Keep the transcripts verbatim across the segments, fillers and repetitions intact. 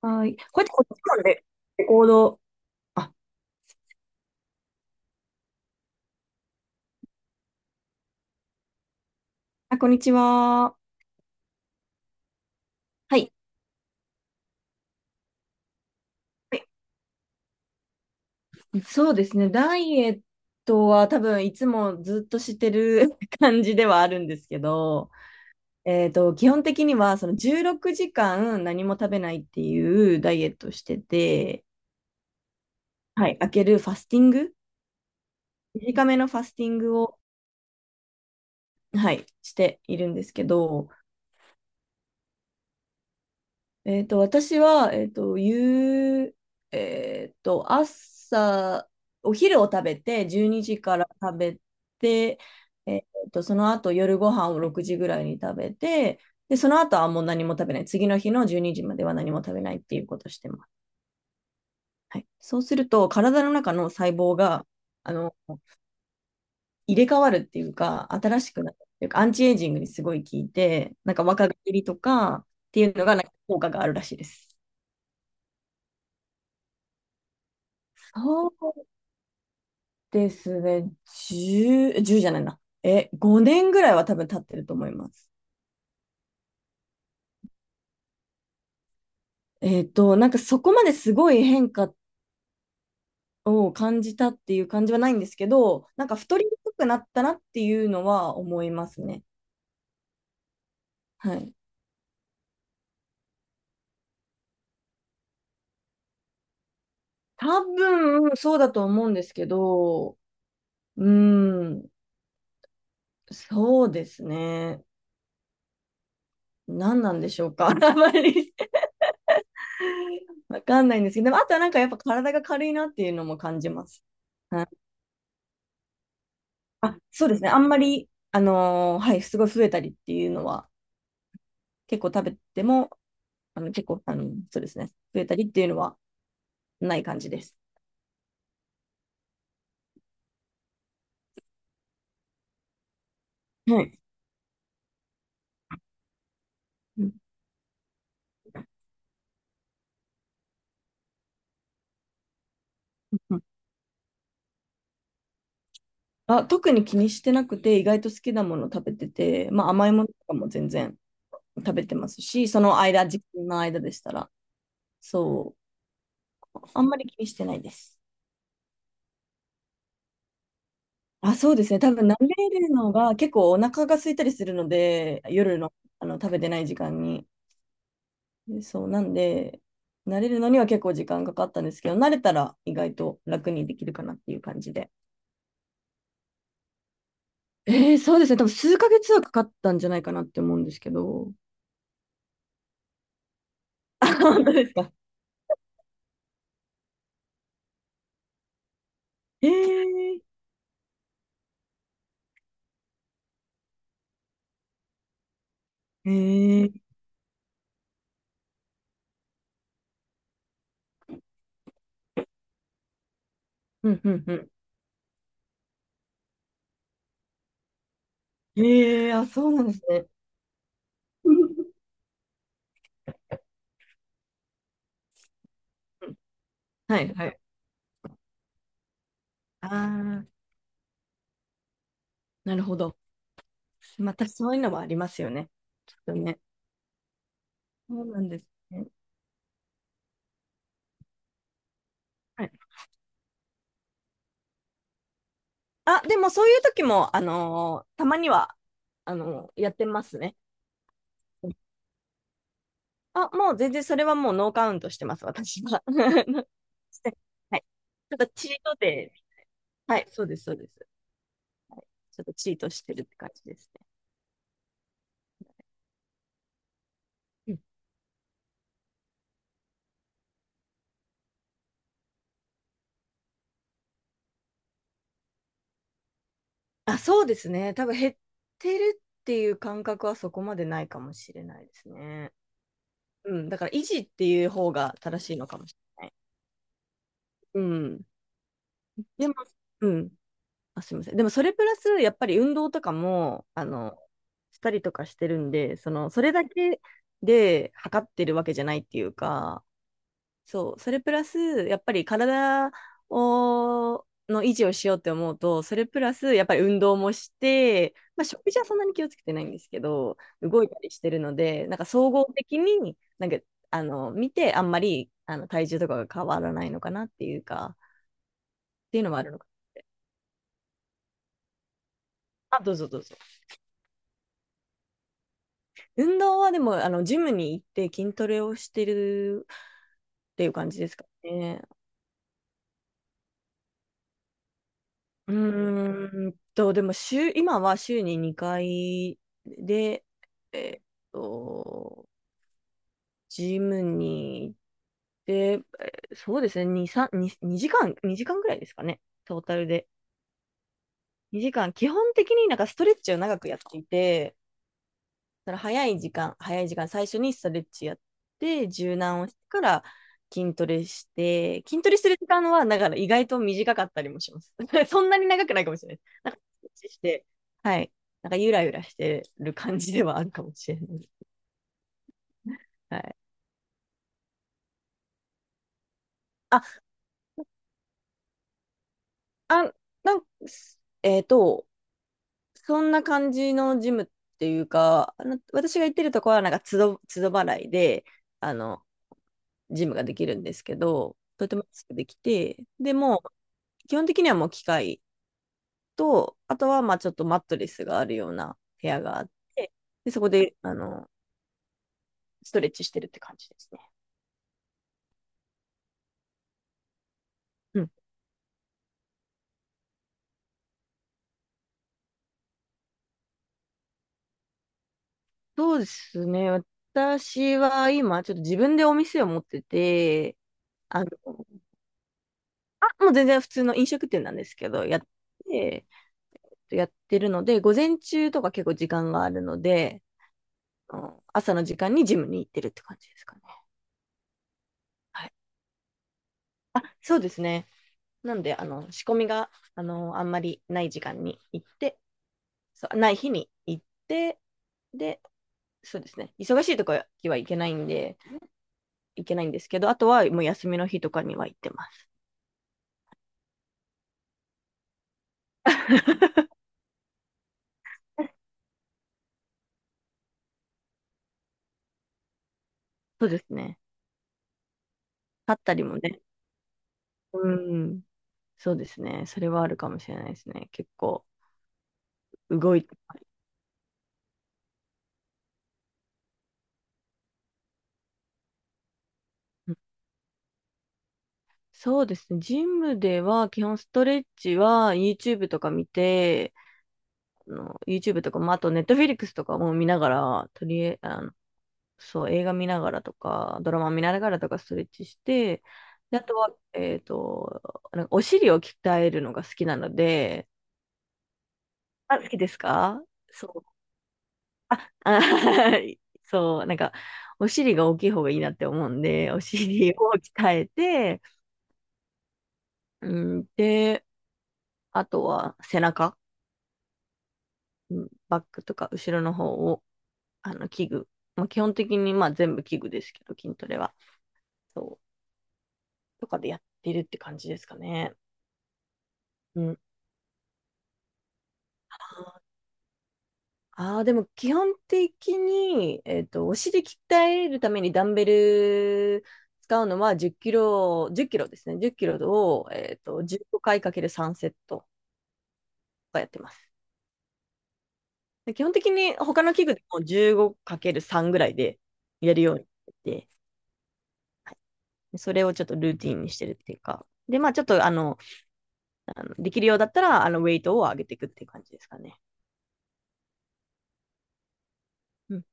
はい。こうやってこっちまでレコード。あ、あこんにちは。はい。そうですね。ダイエットは多分いつもずっとしてる 感じではあるんですけど、えっと、基本的にはそのじゅうろくじかん何も食べないっていうダイエットをしてて、はい。開けるファスティング、短めのファスティングを、はい、しているんですけど、えっと、私は、えっと、夕、えっと、朝、お昼を食べて、じゅうにじから食べて、えっと、その後、夜ご飯をろくじぐらいに食べて、で、その後はもう何も食べない。次の日のじゅうにじまでは何も食べないっていうことをしてます。はい。そうすると、体の中の細胞が、あの、入れ替わるっていうか、新しくなるっていうか、アンチエイジングにすごい効いて、なんか若返りとかっていうのが、なんか効果があるらしいです。そうですね、じゅう、じゅうじゃないな。え、ごねんぐらいは多分経ってると思います。えっと、なんかそこまですごい変化を感じたっていう感じはないんですけど、なんか太りにくくなったなっていうのは思いますね。はい。多分そうだと思うんですけど、うーん、そうですね。何なんでしょうか。あまり わかんないんですけど、でもあとはなんかやっぱ体が軽いなっていうのも感じます。はいあ、そうですね。あんまり、あのーはい、すごい増えたりっていうのは、結構食べても、あの、結構、あの、そうですね。増えたりっていうのはない感じです。はい。うんうんあ、特に気にしてなくて、意外と好きなもの食べてて、まあ甘いものとかも全然食べてますし、その間、時間の間でしたら、そう、あんまり気にしてないです。あ、そうですね。多分、舐めるのが結構お腹が空いたりするので、夜の、あの食べてない時間に。でそう、なんで、慣れるのには結構時間かかったんですけど、慣れたら意外と楽にできるかなっていう感じで。えー、そうですね。多分数ヶ月はかかったんじゃないかなって思うんですけど。あ、本当ですか。えー、えー、うんうんうん。えー、あ、そうなんですね。はいはい。ああ、なるほど。またそういうのもありますよね。ちょっとね。そうなんですね。はい。あ、でもそういう時も、あのーたまには、あのーやってますね。あ、もう全然それはもうノーカウントしてます、私は。してはい。ちょっとチートで、はい、そうです、そうです。ちょっとチートしてるって感じですね。うんあ、そうですね。多分減ってるっていう感覚はそこまでないかもしれないですね。うん、だから維持っていう方が正しいのかもしれない。うん。でも、うん。あ、すみません。でもそれプラス、やっぱり運動とかも、あの、したりとかしてるんで、その、それだけで測ってるわけじゃないっていうか、そう、それプラス、やっぱり体を、の維持をしようって思うと、それプラス、やっぱり運動もして、まあ、食事はそんなに気をつけてないんですけど、動いたりしてるので、なんか総合的に、なんか、あの、見て、あんまり、あの、体重とかが変わらないのかなっていうか、っていうのもあるのか。あ、どうぞどうぞ。運動はでも、あの、ジムに行って筋トレをしてるっていう感じですかね。うーんと、でも週、今は週ににかいで、えっと、ジムに行って、えそうですね、に、さん、に、にじかん、にじかんぐらいですかね、トータルで。にじかん、基本的になんかストレッチを長くやっていて、だから早い時間、早い時間、最初にストレッチやって、柔軟をしてから筋トレして、筋トレする時間は、だから意外と短かったりもします。そんなに長くないかもしれないなんか、ストレッチして、はい。なんか、ゆらゆらしてる感じではあるかもしれない。はい。あ、あ、なんえっ、と、そんな感じのジムっていうか、あの私が行ってるとこは、なんか、つど、つど払いで、あの、ジムができるんですけど、とても安くできて、でも、基本的にはもう機械と、あとはまあちょっとマットレスがあるような部屋があって、でそこであのストレッチしてるって感じですね。うん、そうですね。私は今、ちょっと自分でお店を持ってて、あの、あ、もう全然普通の飲食店なんですけど、やって、やってるので、午前中とか結構時間があるので、うん、朝の時間にジムに行ってるって感じですかね。はい。あ、そうですね。なんで、あの、仕込みが、あの、あんまりない時間に行って、そうない日に行って、で、そうですね。忙しいとかは行けないんで、行けないんですけど、あとはもう休みの日とかには行ってます。そうですね。立ったりもね。うん。そうですね。それはあるかもしれないですね。結構動いて。うんそうですね。ジムでは基本ストレッチは YouTube とか見て、あの YouTube とかも、あと Netflix とかも見ながら、とりあえあそう、映画見ながらとか、ドラマ見ながらとかストレッチして、で、あとは、えっと、なんかお尻を鍛えるのが好きなので、あ、好きですかそう。あ、そう、なんか、お尻が大きい方がいいなって思うんで、お尻を鍛えて、うん、で、あとは背中、うんバックとか後ろの方を、あの、器具。まあ、基本的に、まあ、全部器具ですけど、筋トレは。そう。とかでやってるって感じですかね。うん。ああ、でも基本的に、えっと、お尻鍛えるためにダンベル使うのはじっキロ、じゅっキロですね。じゅっキロを、えっと、じゅうごかいかいかけるさんセットがやってます。で基本的に他の器具でもじゅうごかけるさんぐらいでやるようにしてて、それをちょっとルーティンにしてるっていうか。で、まあちょっとあの、あのできるようだったら、あの、ウェイトを上げていくっていう感じですかね。うん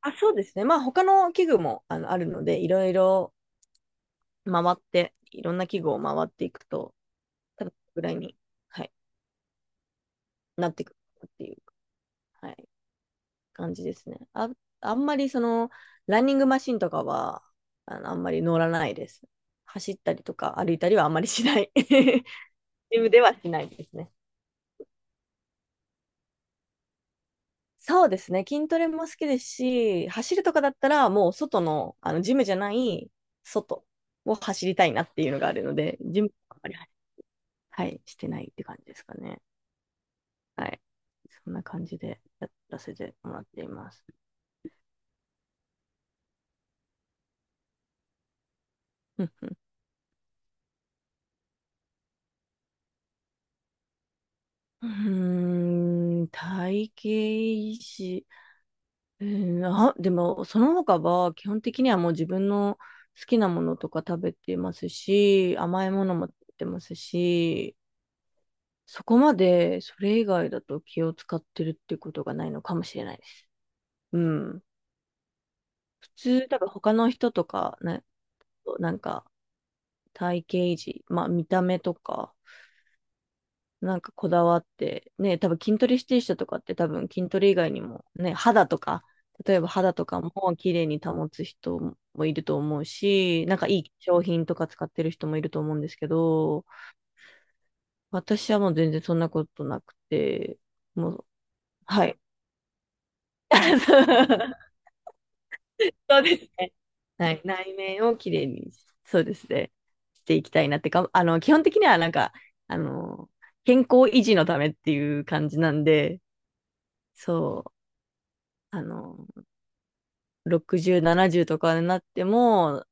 あ、そうですね。まあ、他の器具もあの、あるので、いろいろ回って、いろんな器具を回っていくと、多分ぐらいに、はい、なっていくっていう、はい、感じですね。あ、あんまりその、ランニングマシンとかは、あの、あんまり乗らないです。走ったりとか歩いたりはあんまりしない。ジムではしないですね。そうですね。筋トレも好きですし、走るとかだったら、もう外の、あの、ジムじゃない、外を走りたいなっていうのがあるので、ジムはあんまり、はい、してないって感じですかね。はい。そんな感じでやらせてもらっています。うんうん、うーん、体型維持、うーん、あ、でも、その他は基本的にはもう自分の好きなものとか食べてますし、甘いものも食べてますし、そこまでそれ以外だと気を使ってるってことがないのかもしれないです。うん。普通、多分他の人とか、ね、なんか体型維持、まあ見た目とか、なんかこだわって、ね、多分筋トレしてる人とかって多分筋トレ以外にも、ね、肌とか、例えば肌とかも綺麗に保つ人もいると思うし、なんかいい商品とか使ってる人もいると思うんですけど、私はもう全然そんなことなくて、もう、はい。そうです。はい。内面を綺麗に、そうですね、していきたいなってか、あの、基本的にはなんか、あの、健康維持のためっていう感じなんで、そう、あの、ろくじゅう、ななじゅうとかになっても、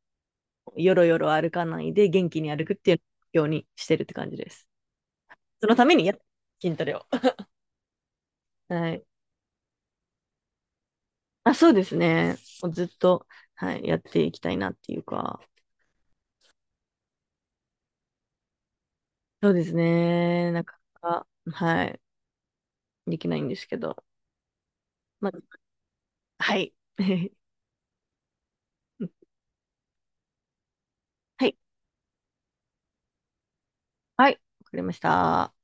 よろよろ歩かないで元気に歩くっていうようにしてるって感じです。そのためにや筋トレを。はい。あ、そうですね。もうずっと、はい、やっていきたいなっていうか、そうですね。なかなか、はい、できないんですけど。まあ、はい。はい。はい、わかりました。